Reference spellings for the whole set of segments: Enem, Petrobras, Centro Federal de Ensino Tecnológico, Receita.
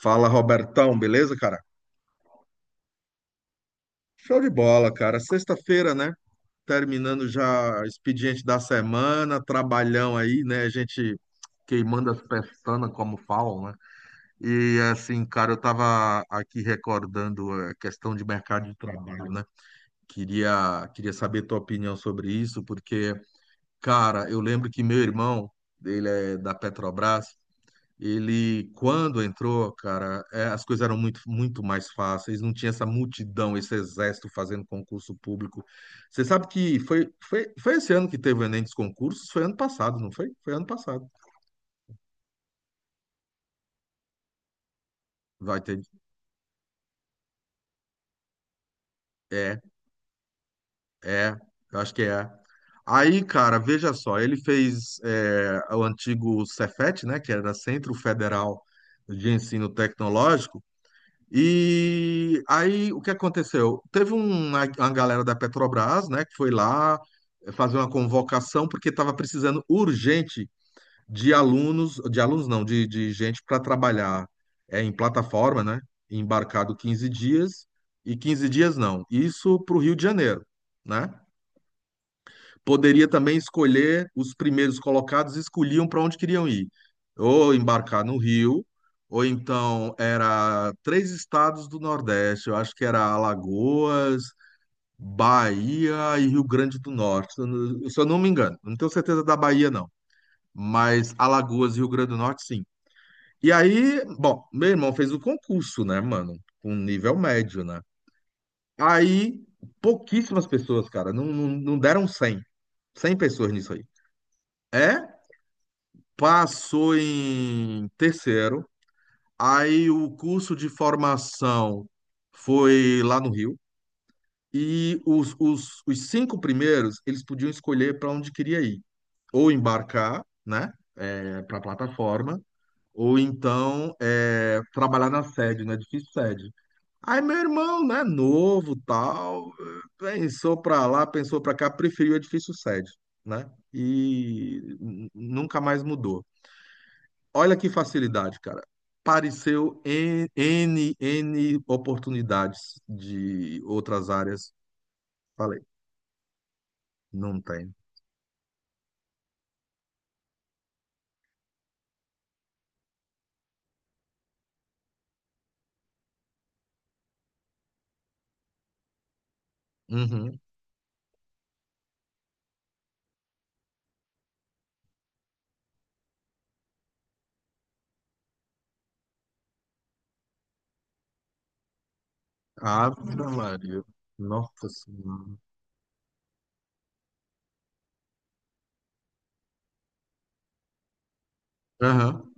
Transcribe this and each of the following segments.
Fala, Robertão, beleza, cara? Show de bola, cara. Sexta-feira, né? Terminando já o expediente da semana, trabalhão aí, né? A gente queimando as pestanas, como falam, né? E assim, cara, eu tava aqui recordando a questão de mercado de trabalho, né? Queria saber tua opinião sobre isso, porque, cara, eu lembro que meu irmão, ele é da Petrobras. Ele, quando entrou, cara, as coisas eram muito, muito mais fáceis, não tinha essa multidão, esse exército fazendo concurso público. Você sabe que foi esse ano que teve o Enem dos concursos? Foi ano passado, não foi? Foi ano passado. Vai ter. É, é, eu acho que é. Aí, cara, veja só, ele fez o antigo Cefet, né, que era Centro Federal de Ensino Tecnológico. E aí, o que aconteceu? Teve uma galera da Petrobras, né, que foi lá fazer uma convocação, porque estava precisando urgente de alunos não, de gente para trabalhar em plataforma, né, embarcado 15 dias, e 15 dias não, isso para o Rio de Janeiro, né? Poderia também escolher os primeiros colocados, escolhiam para onde queriam ir. Ou embarcar no Rio, ou então era três estados do Nordeste, eu acho que era Alagoas, Bahia e Rio Grande do Norte, se eu não me engano. Não tenho certeza da Bahia, não, mas Alagoas e Rio Grande do Norte, sim. E aí, bom, meu irmão fez o concurso, né, mano? Com nível médio, né? Aí, pouquíssimas pessoas, cara, não, não, não deram 100, 100 pessoas nisso aí. É passou em terceiro, aí o curso de formação foi lá no Rio, e os cinco primeiros, eles podiam escolher para onde queria ir, ou embarcar, né, para a plataforma, ou então trabalhar na sede, no edifício sede. Aí meu irmão, né, novo, tal, pensou para lá, pensou para cá, preferiu o edifício sede, né, e nunca mais mudou. Olha que facilidade, cara. Pareceu N, N, N oportunidades de outras áreas. Falei, não tem. Uhum. Ave Maria. Nossa Senhora. Aham.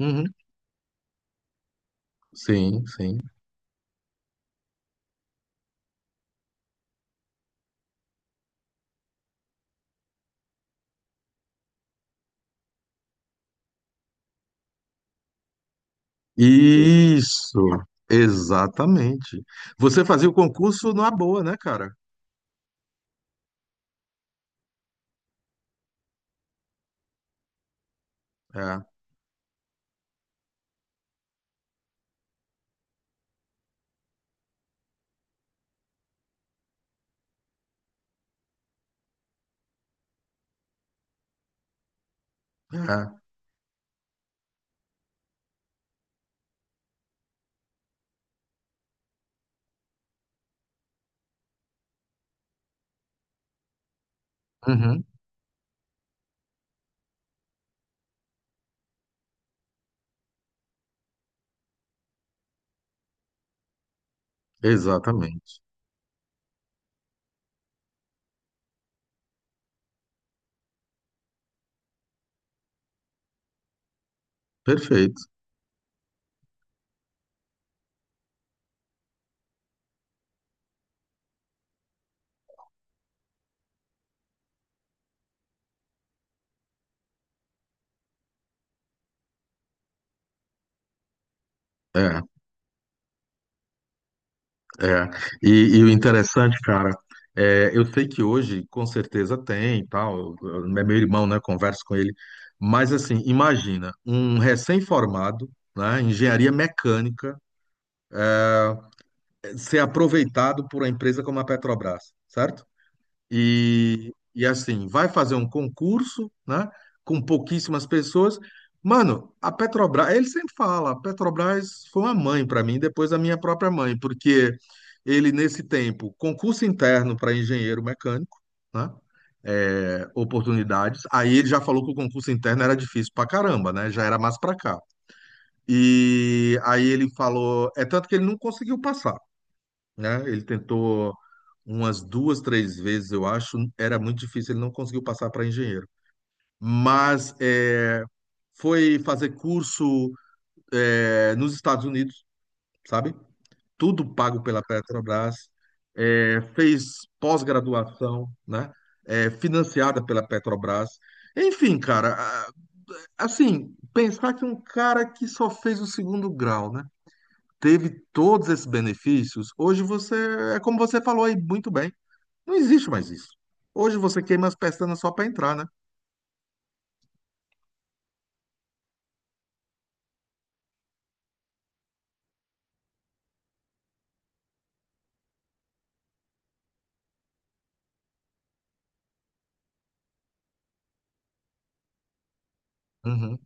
Uhum. Sim, sim. Isso. Exatamente. Você fazia o concurso numa boa, né, cara? É. É. Uhum. Exatamente. Perfeito. É. É, e o interessante, cara, eu sei que hoje com certeza tem, e tal, meu irmão, né, converso com ele, mas assim, imagina, um recém-formado, né, engenharia mecânica, ser aproveitado por uma empresa como a Petrobras, certo? E assim, vai fazer um concurso, né, com pouquíssimas pessoas. Mano, a Petrobras, ele sempre fala, a Petrobras foi uma mãe para mim, depois a minha própria mãe, porque ele, nesse tempo, concurso interno para engenheiro mecânico, né, oportunidades. Aí ele já falou que o concurso interno era difícil pra caramba, né, já era mais pra cá. E aí ele falou, é tanto que ele não conseguiu passar, né? Ele tentou umas duas, três vezes, eu acho. Era muito difícil, ele não conseguiu passar para engenheiro. Mas é, foi fazer curso nos Estados Unidos, sabe? Tudo pago pela Petrobras. É, fez pós-graduação, né? É, financiada pela Petrobras. Enfim, cara, assim, pensar que um cara que só fez o segundo grau, né? Teve todos esses benefícios. Hoje você, é como você falou aí muito bem. Não existe mais isso. Hoje você queima as pestanas só para entrar, né? Uhum.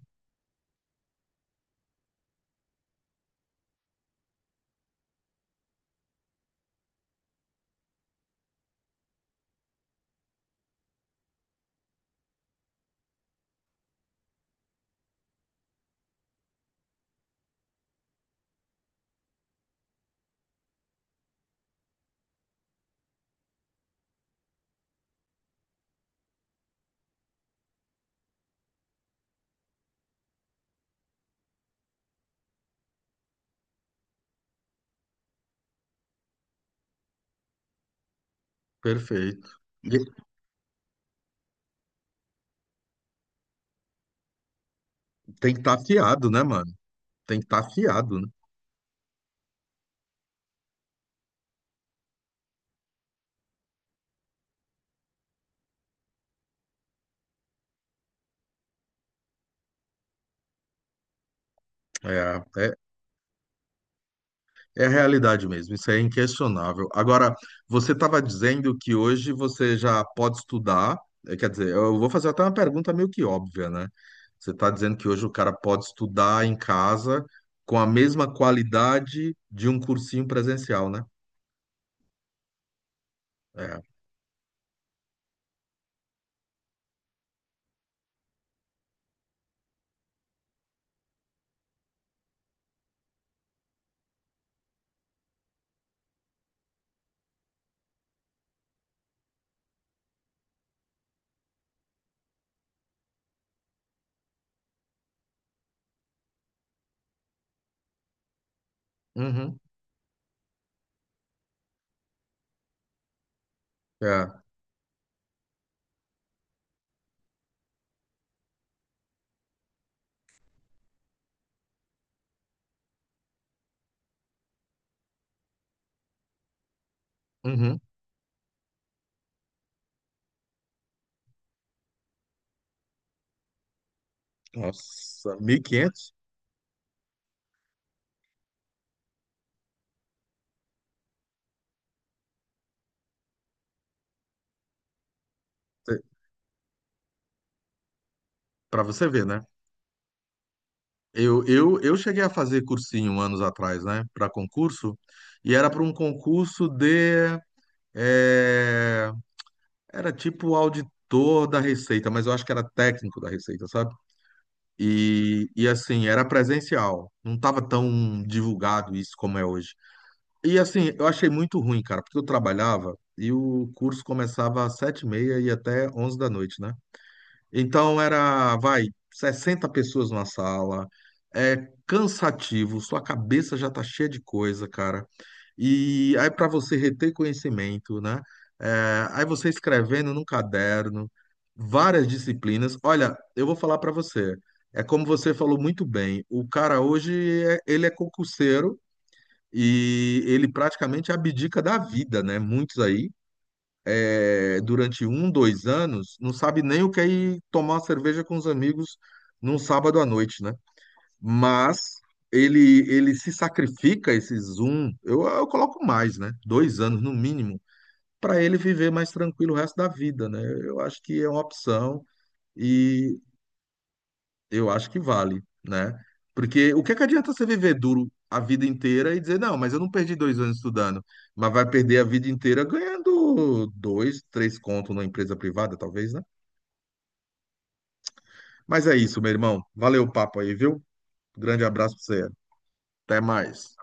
Perfeito. E tem que estar afiado, né, mano? Tem que estar afiado, né? É, é É a realidade mesmo, isso é inquestionável. Agora, você estava dizendo que hoje você já pode estudar, quer dizer, eu vou fazer até uma pergunta meio que óbvia, né? Você está dizendo que hoje o cara pode estudar em casa com a mesma qualidade de um cursinho presencial, né? É. Uhum. É. Uhum. Nossa, 1.500. Para você ver, né? Eu cheguei a fazer cursinho anos atrás, né? Para concurso, e era para um concurso de. eh, Era tipo auditor da Receita, mas eu acho que era técnico da Receita, sabe? E assim, era presencial. Não estava tão divulgado isso como é hoje. E assim, eu achei muito ruim, cara, porque eu trabalhava e o curso começava às 7h30 e ia até 11 da noite, né? Então era, vai, 60 pessoas na sala, é cansativo, sua cabeça já tá cheia de coisa, cara. E aí para você reter conhecimento, né? É, aí você escrevendo num caderno, várias disciplinas. Olha, eu vou falar para você, é como você falou muito bem, o cara hoje, ele é concurseiro e ele praticamente abdica da vida, né? Muitos aí durante um, 2 anos, não sabe nem o que é ir tomar uma cerveja com os amigos num sábado à noite, né? Mas ele se sacrifica, esses um, eu coloco mais, né? 2 anos no mínimo, para ele viver mais tranquilo o resto da vida, né? Eu acho que é uma opção. E eu acho que vale, né? Porque o que é que adianta você viver duro a vida inteira e dizer, não, mas eu não perdi 2 anos estudando, mas vai perder a vida inteira ganhando dois, três contos numa empresa privada, talvez, né? Mas é isso, meu irmão. Valeu o papo aí, viu? Grande abraço pra você. Até mais.